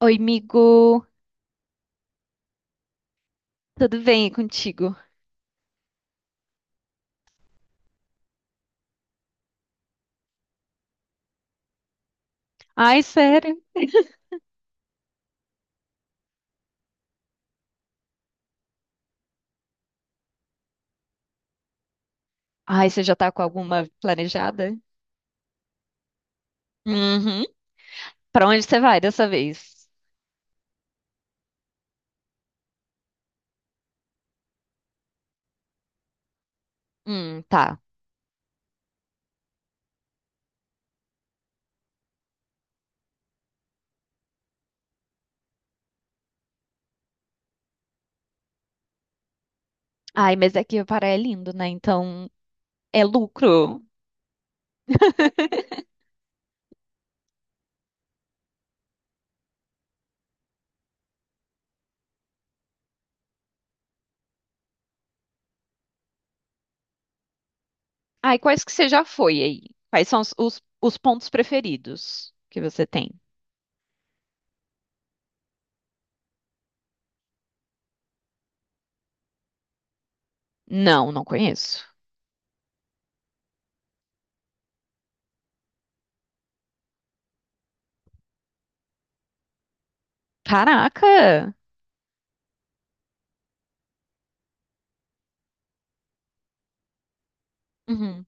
Oi, amigo. Tudo bem e contigo? Ai, sério? Ai, você já tá com alguma planejada? Uhum. Pra onde você vai dessa vez? Tá. Ai, mas aqui o Pará é lindo, né? Então é lucro. Ai, quais que você já foi aí? Quais são os pontos preferidos que você tem? Não, não conheço. Caraca! Uhum.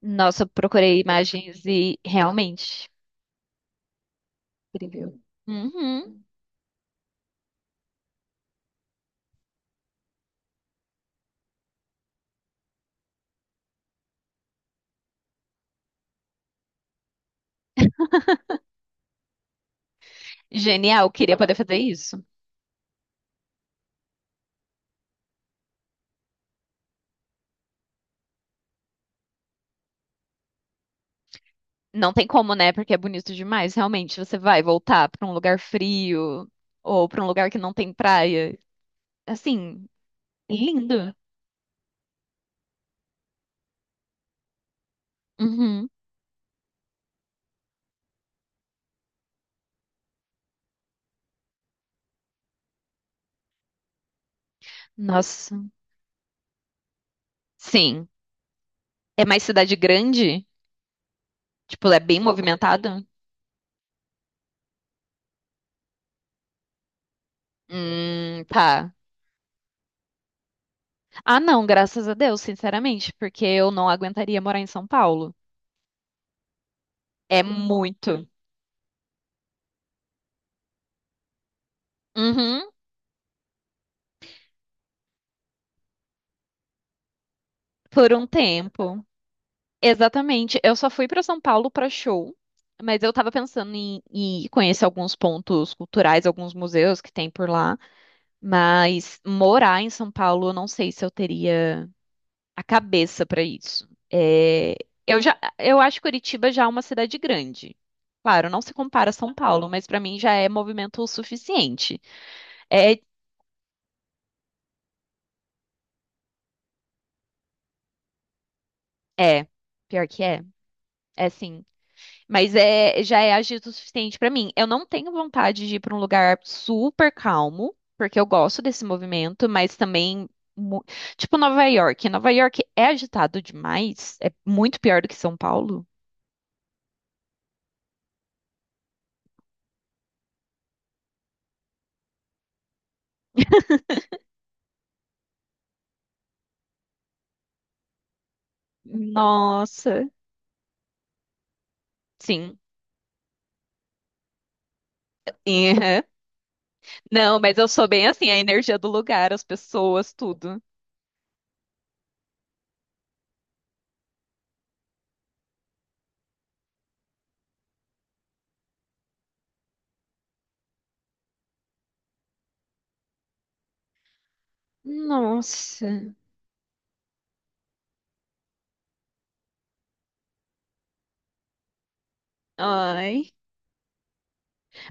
Nossa, eu procurei imagens e realmente. Incrível. Uhum. Genial, queria poder fazer isso. Não tem como, né? Porque é bonito demais. Realmente, você vai voltar pra um lugar frio ou pra um lugar que não tem praia. Assim, é lindo. Uhum. Nossa. Sim. É mais cidade grande? Tipo, é bem movimentado? Tá. Ah, não, graças a Deus, sinceramente, porque eu não aguentaria morar em São Paulo. É muito. Uhum. Por um tempo. Exatamente. Eu só fui para São Paulo para show, mas eu tava pensando em conhecer alguns pontos culturais, alguns museus que tem por lá, mas morar em São Paulo, eu não sei se eu teria a cabeça para isso. É, eu já, eu acho Curitiba já uma cidade grande. Claro, não se compara a São Paulo, mas para mim já é movimento o suficiente. É, é, pior que é. É sim. Mas é, já é agito o suficiente pra mim. Eu não tenho vontade de ir pra um lugar super calmo, porque eu gosto desse movimento, mas também mu- tipo Nova York. Nova York é agitado demais, é muito pior do que São Paulo. Nossa, sim. Sim, aham. Não, mas eu sou bem assim, a energia do lugar, as pessoas, tudo. Nossa. Ai.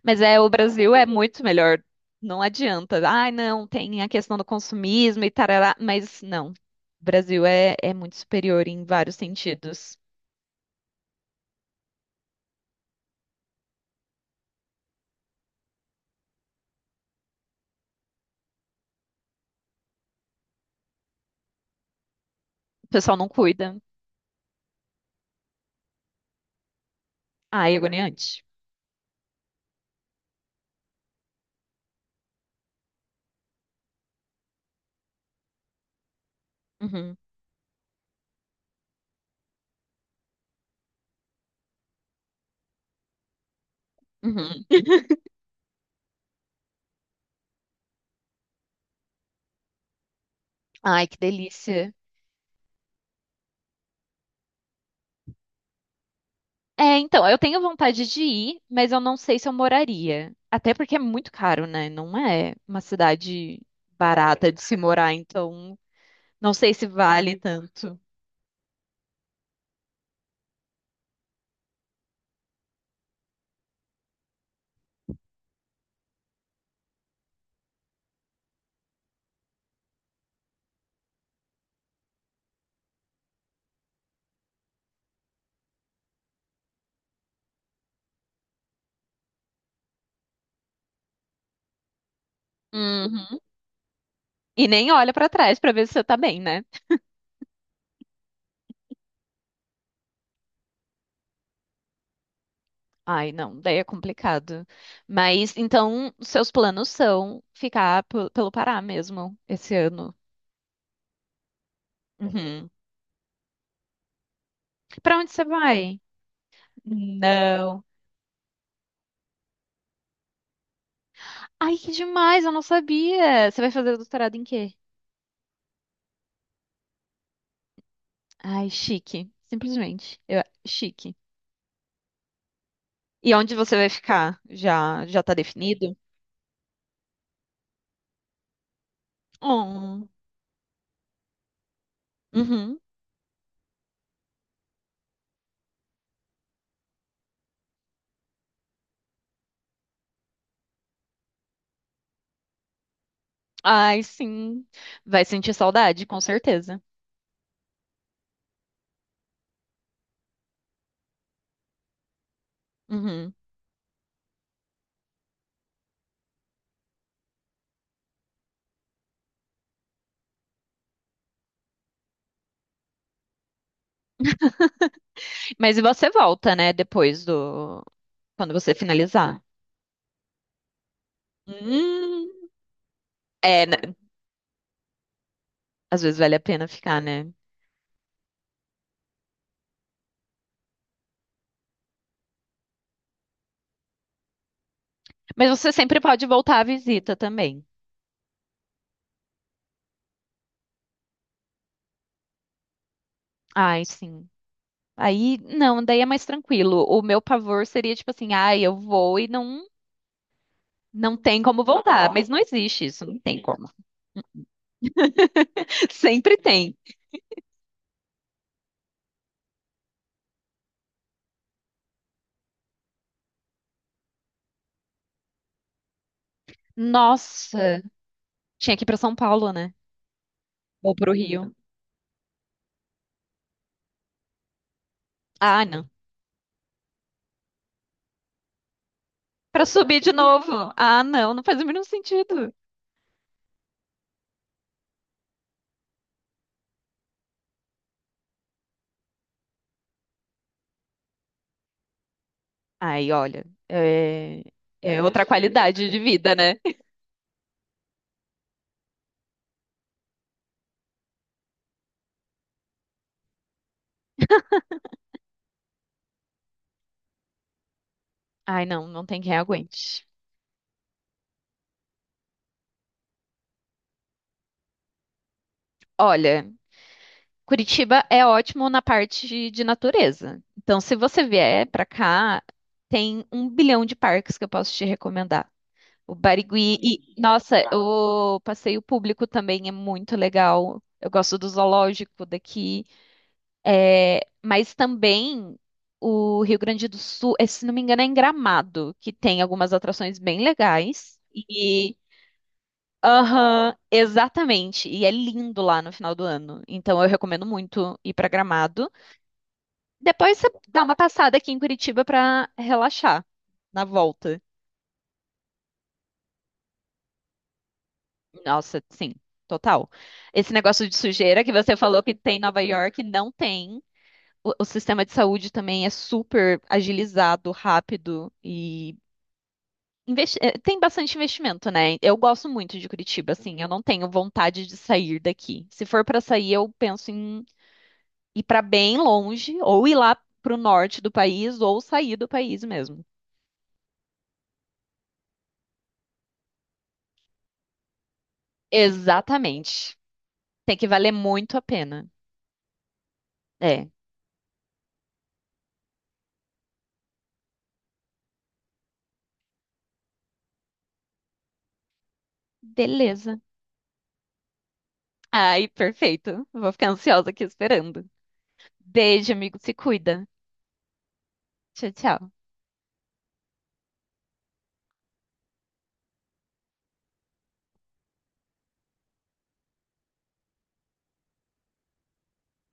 Mas é, o Brasil é muito melhor. Não adianta. Ai, não, tem a questão do consumismo e tarará, mas não. O Brasil é muito superior em vários sentidos. O pessoal não cuida. Ai, agoniante. Uhum, uhum. Ai, que delícia. É, então, eu tenho vontade de ir, mas eu não sei se eu moraria. Até porque é muito caro, né? Não é uma cidade barata de se morar, então não sei se vale tanto. Uhum. E nem olha pra trás pra ver se você tá bem, né? Ai, não, daí é complicado. Mas então, seus planos são ficar pelo Pará mesmo esse ano. Uhum. Para onde você vai? Não. Ai, que demais, eu não sabia. Você vai fazer doutorado em quê? Ai, chique, simplesmente. Chique. E onde você vai ficar? Já tá definido? Oh. Uhum. Ai, sim. Vai sentir saudade, com certeza. Uhum. Mas e você volta, né, depois do quando você finalizar? Hum, é, né? Às vezes vale a pena ficar, né? Mas você sempre pode voltar à visita também. Ai, sim. Aí, não, daí é mais tranquilo. O meu pavor seria tipo assim, ai, eu vou e não, não tem como voltar. Mas não existe isso, não tem como. Sempre tem. Nossa, tinha que ir pra São Paulo, né? Ou pro Rio. Ah, não. Pra subir de novo. Ah, não, não faz o mínimo sentido. Ai, olha, é, é outra qualidade de vida, né? Ai, não, não tem quem aguente. Olha. Curitiba é ótimo na parte de natureza. Então, se você vier pra cá, tem um bilhão de parques que eu posso te recomendar. O Barigui e, nossa, o passeio público também é muito legal. Eu gosto do zoológico daqui. É, mas também o Rio Grande do Sul, é, se não me engano, é em Gramado, que tem algumas atrações bem legais. E aham, exatamente. E é lindo lá no final do ano. Então eu recomendo muito ir para Gramado. Depois você dá uma passada aqui em Curitiba pra relaxar na volta. Nossa, sim, total. Esse negócio de sujeira que você falou que tem em Nova York, não tem. O sistema de saúde também é super agilizado, rápido e tem bastante investimento, né? Eu gosto muito de Curitiba, assim, eu não tenho vontade de sair daqui. Se for pra sair, eu penso em ir pra bem longe, ou ir lá pro norte do país, ou sair do país mesmo. Exatamente. Tem que valer muito a pena. É. Beleza. Ai, perfeito. Vou ficar ansiosa aqui esperando. Beijo, amigo. Se cuida. Tchau, tchau.